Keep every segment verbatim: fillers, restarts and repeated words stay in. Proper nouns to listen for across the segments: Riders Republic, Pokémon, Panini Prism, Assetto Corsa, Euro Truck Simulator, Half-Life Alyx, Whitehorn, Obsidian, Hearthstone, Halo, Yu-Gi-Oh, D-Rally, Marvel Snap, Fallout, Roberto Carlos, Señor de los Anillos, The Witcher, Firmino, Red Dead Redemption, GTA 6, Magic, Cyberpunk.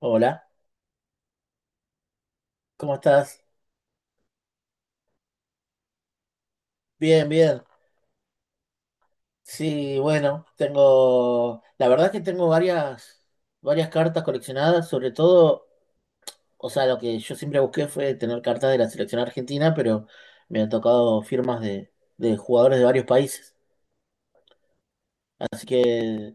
Hola, ¿cómo estás? Bien, bien. Sí, bueno, tengo, la verdad que tengo varias, varias cartas coleccionadas, sobre todo, o sea, lo que yo siempre busqué fue tener cartas de la selección argentina, pero me han tocado firmas de, de jugadores de varios países. Así que,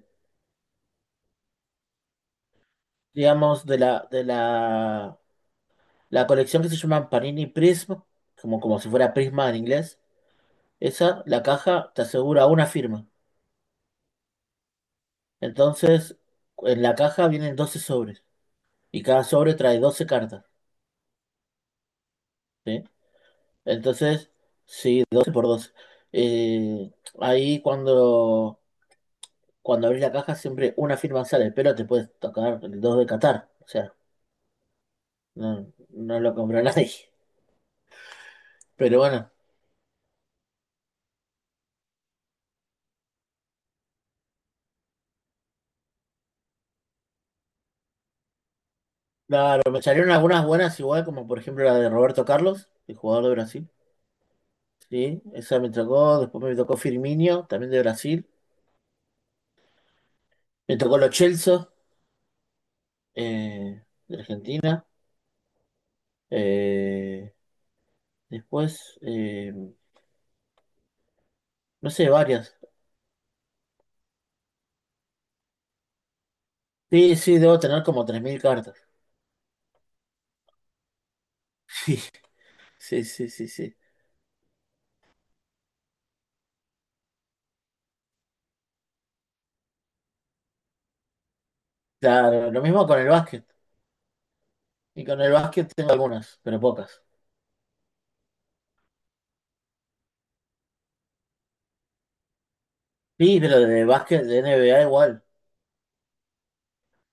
digamos, de la, de la, la colección que se llama Panini Prism, como, como si fuera Prisma en inglés, esa, la caja te asegura una firma. Entonces, en la caja vienen doce sobres. Y cada sobre trae doce cartas, ¿sí? Entonces, sí, doce por doce. Eh, ahí cuando, cuando abrís la caja siempre una firma sale, pero te puedes tocar el dos de Qatar. O sea, no, no lo compró nadie. Pero bueno, claro, me salieron algunas buenas igual, como por ejemplo la de Roberto Carlos, el jugador de Brasil. Sí, esa me tocó. Después me tocó Firmino, también de Brasil. Me tocó los Chelsea, eh, de Argentina. Eh, después, eh, no sé, varias. Sí, sí, debo tener como tres mil cartas. Sí, sí, sí, sí, sí. Claro, lo mismo con el básquet. Y con el básquet tengo algunas, pero pocas. Sí, pero de básquet, de N B A igual.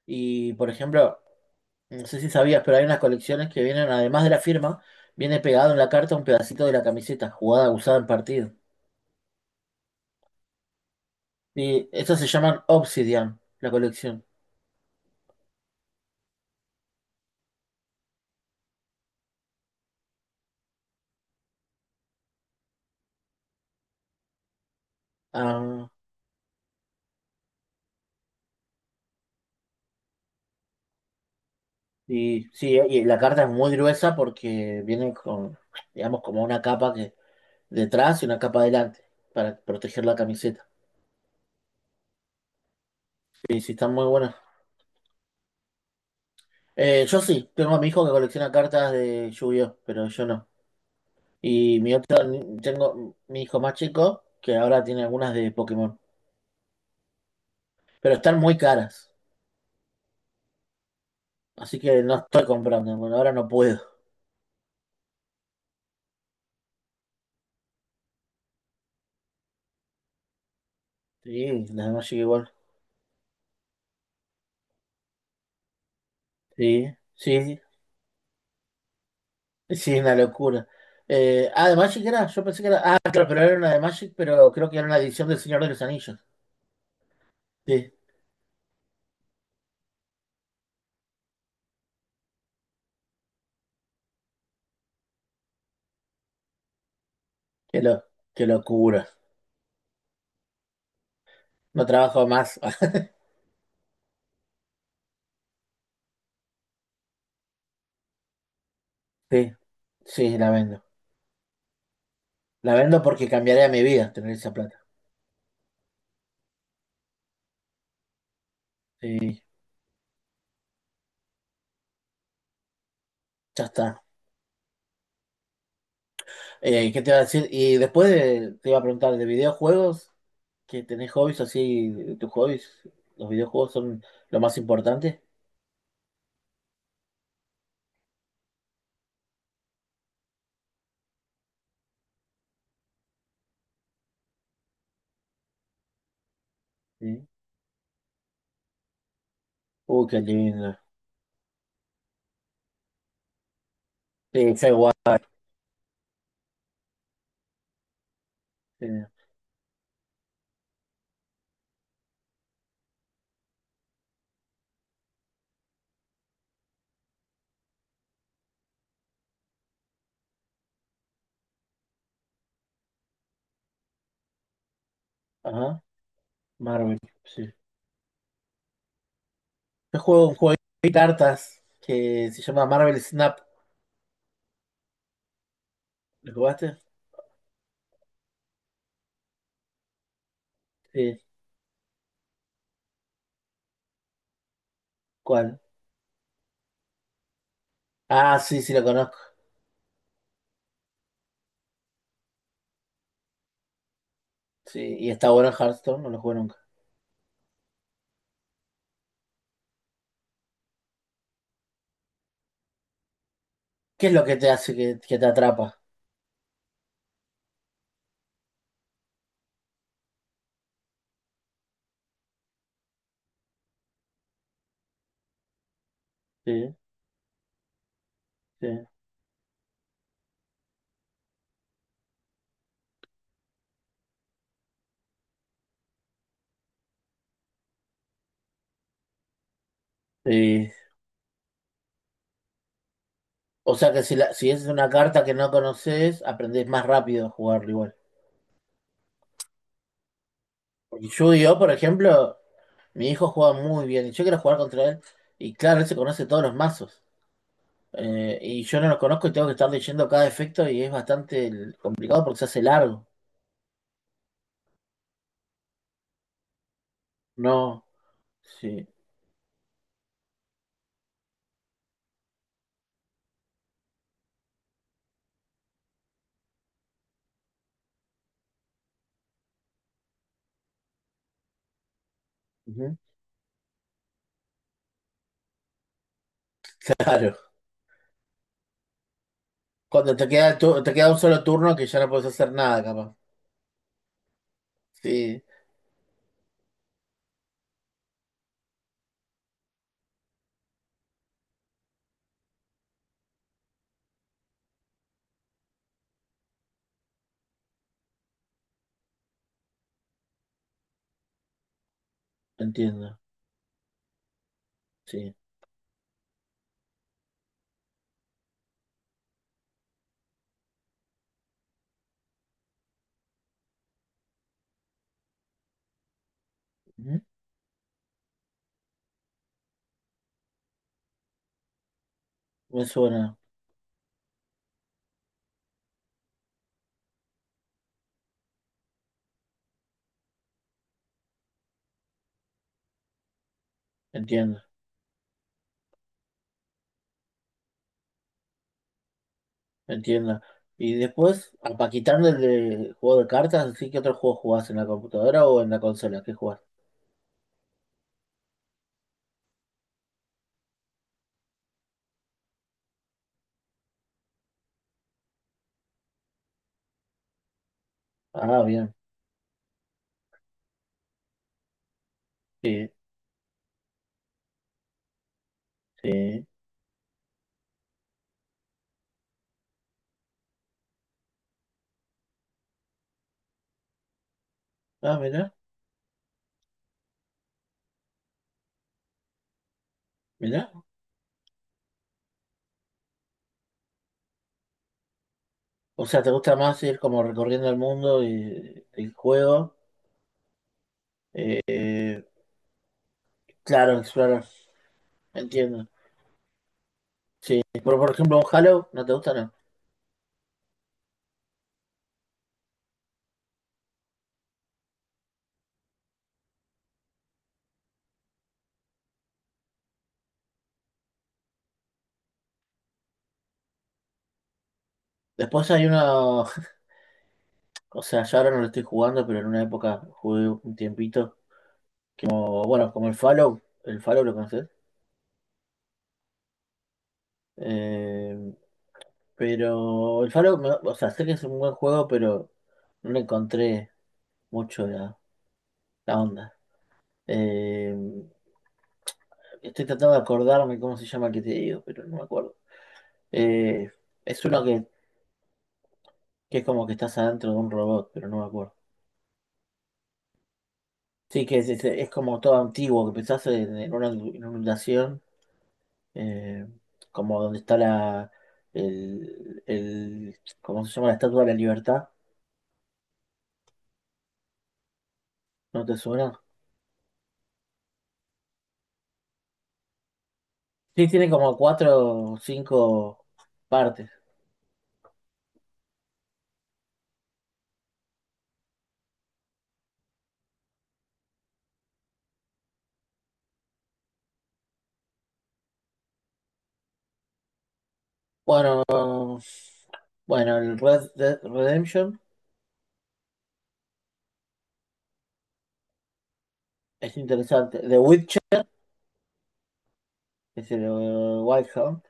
Y por ejemplo, no sé si sabías, pero hay unas colecciones que vienen, además de la firma, viene pegado en la carta un pedacito de la camiseta jugada, usada en partido. Y estas se llaman Obsidian, la colección. Ah, y sí, y la carta es muy gruesa porque viene con, digamos, como una capa que detrás y una capa adelante para proteger la camiseta. Sí, sí, están muy buenas. Eh, yo sí, tengo a mi hijo que colecciona cartas de Yu-Gi-Oh, pero yo no. Y mi otro, tengo mi hijo más chico que ahora tiene algunas de Pokémon, pero están muy caras, así que no estoy comprando, bueno, ahora no puedo. Sí, las de Magic igual. Sí, sí, sí, es una locura. Eh, ah, de Magic era, yo pensé que era, ah, claro, pero era una de Magic, pero creo que era una edición del Señor de los Anillos. Sí, qué, lo- qué locura. No trabajo más. Sí, sí, la vendo. La vendo porque cambiaría mi vida tener esa plata. Sí, ya está. Eh, ¿qué te iba a decir? Y después de- te iba a preguntar de videojuegos, que tenés hobbies así, tus hobbies, los videojuegos son lo más importante. Sí. Uy, qué lindo. Sí, yo igual. Sí. Ajá, Marvel, sí. Yo juego un juego de cartas que se llama Marvel Snap. ¿Lo jugaste? Sí. ¿Cuál? Ah, sí, sí, lo conozco. Sí, y está bueno en Hearthstone, no lo juego nunca. ¿Qué es lo que te hace que, que te atrapa? Sí, sí, sí. O sea que si, la, si es una carta que no conoces, aprendés más rápido a jugarlo igual. Porque Yu-Gi-Oh, por ejemplo, mi hijo juega muy bien y yo quiero jugar contra él. Y claro, él se conoce todos los mazos. Eh, y yo no los conozco y tengo que estar leyendo cada efecto y es bastante complicado porque se hace largo. No, sí. Ujú. Claro. Cuando te queda, el tu- te queda un solo turno que ya no puedes hacer nada, capaz. Sí, entiendo. Sí. Ujú. Me suena, entiendo. Entiendo. Y después, ah, pa' quitando el de juego de cartas, ¿sí que otro juego jugás en la computadora o en la consola? ¿Qué jugás? Ah, bien. Sí, sí. Ah, mirá, mirá. O sea, ¿te gusta más ir como recorriendo el mundo y el juego? Eh, claro, explorar. Entiendo. Sí. Pero, por ejemplo, un Halo, ¿no te gusta? No. Después hay uno, o sea, yo ahora no lo estoy jugando, pero en una época jugué un tiempito. Como, bueno, como el Fallout. ¿El Fallout lo conoces? Eh, Pero el Faro, me- o sea, sé que es un buen juego, pero no le encontré mucho la, la onda. Eh, estoy tratando de acordarme cómo se llama el que te digo, pero no me acuerdo. Eh, es uno que, que es como que estás adentro de un robot, pero no me acuerdo. Sí, que es, es- es como todo antiguo, que pensás en, en una inu- inundación, eh, como donde está la, el, el, ¿cómo se llama? La Estatua de la Libertad, ¿no te suena? Sí, tiene como cuatro o cinco partes. Bueno, bueno, el Red Dead Redemption es interesante. The Witcher, es el eh, Whitehorn.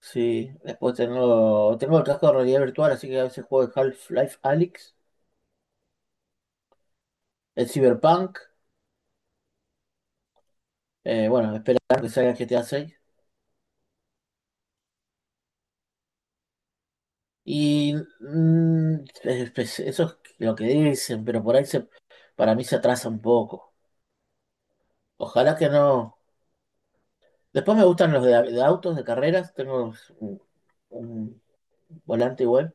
Sí, después tengo, tengo el casco de realidad virtual, así que a veces juego el Half-Life Alyx, el Cyberpunk. eh, bueno, esperar que salga el G T A seis. Y mm, es- es- eso es lo que dicen, pero por ahí se, para mí se atrasa un poco. Ojalá que no. Después me gustan los de, de autos, de carreras. Tengo un, un volante igual.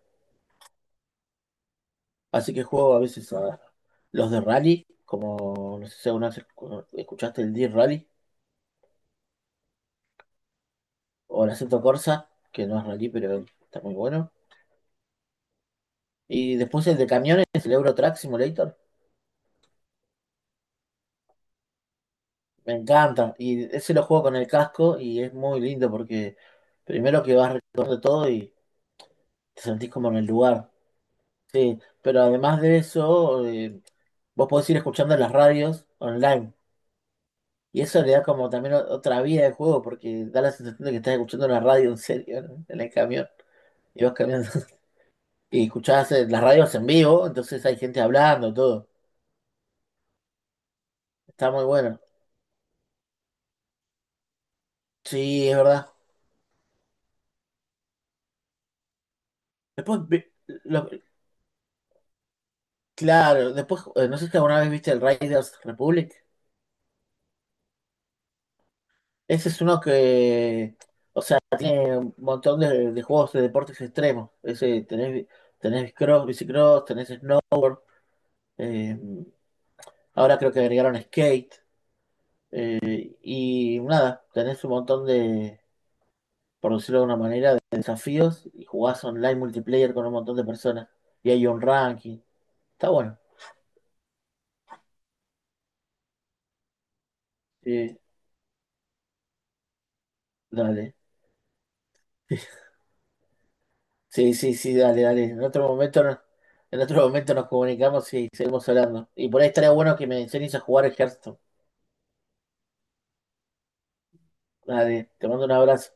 Así que juego a veces a los de rally, como no sé si alguna vez escu- escuchaste el D-Rally o el Assetto Corsa, que no es rally, pero está muy bueno. Y después el de camiones, el Euro Truck Simulator. Me encanta. Y ese lo juego con el casco y es muy lindo porque primero que vas recorriendo todo y te sentís como en el lugar. Sí, pero además de eso, eh, vos podés ir escuchando las radios online. Y eso le da como también o- otra vida al juego, porque da la sensación de que estás escuchando una radio en serio, ¿no? En el camión. Y vas caminando. Y escuchás eh, las radios en vivo, entonces hay gente hablando, todo. Está muy bueno. Sí, es verdad. Después, vi- lo- claro, después, eh, no sé si alguna vez viste el Riders Republic. Ese es uno que, o sea, tiene un montón de, de juegos de deportes extremos. Ese, tenés, tenés cross, bicicross, tenés snow. eh, ahora creo que agregaron skate. Y nada, tenés un montón de, por decirlo de una manera, de desafíos y jugás online multiplayer con un montón de personas. Y hay un ranking. Está bueno. Sí, dale. Sí, sí, sí, dale, dale. En otro momento, no- en otro momento nos comunicamos y seguimos hablando. Y por ahí estaría bueno que me enseñes a jugar el Hearthstone. Dale, te mando un abrazo.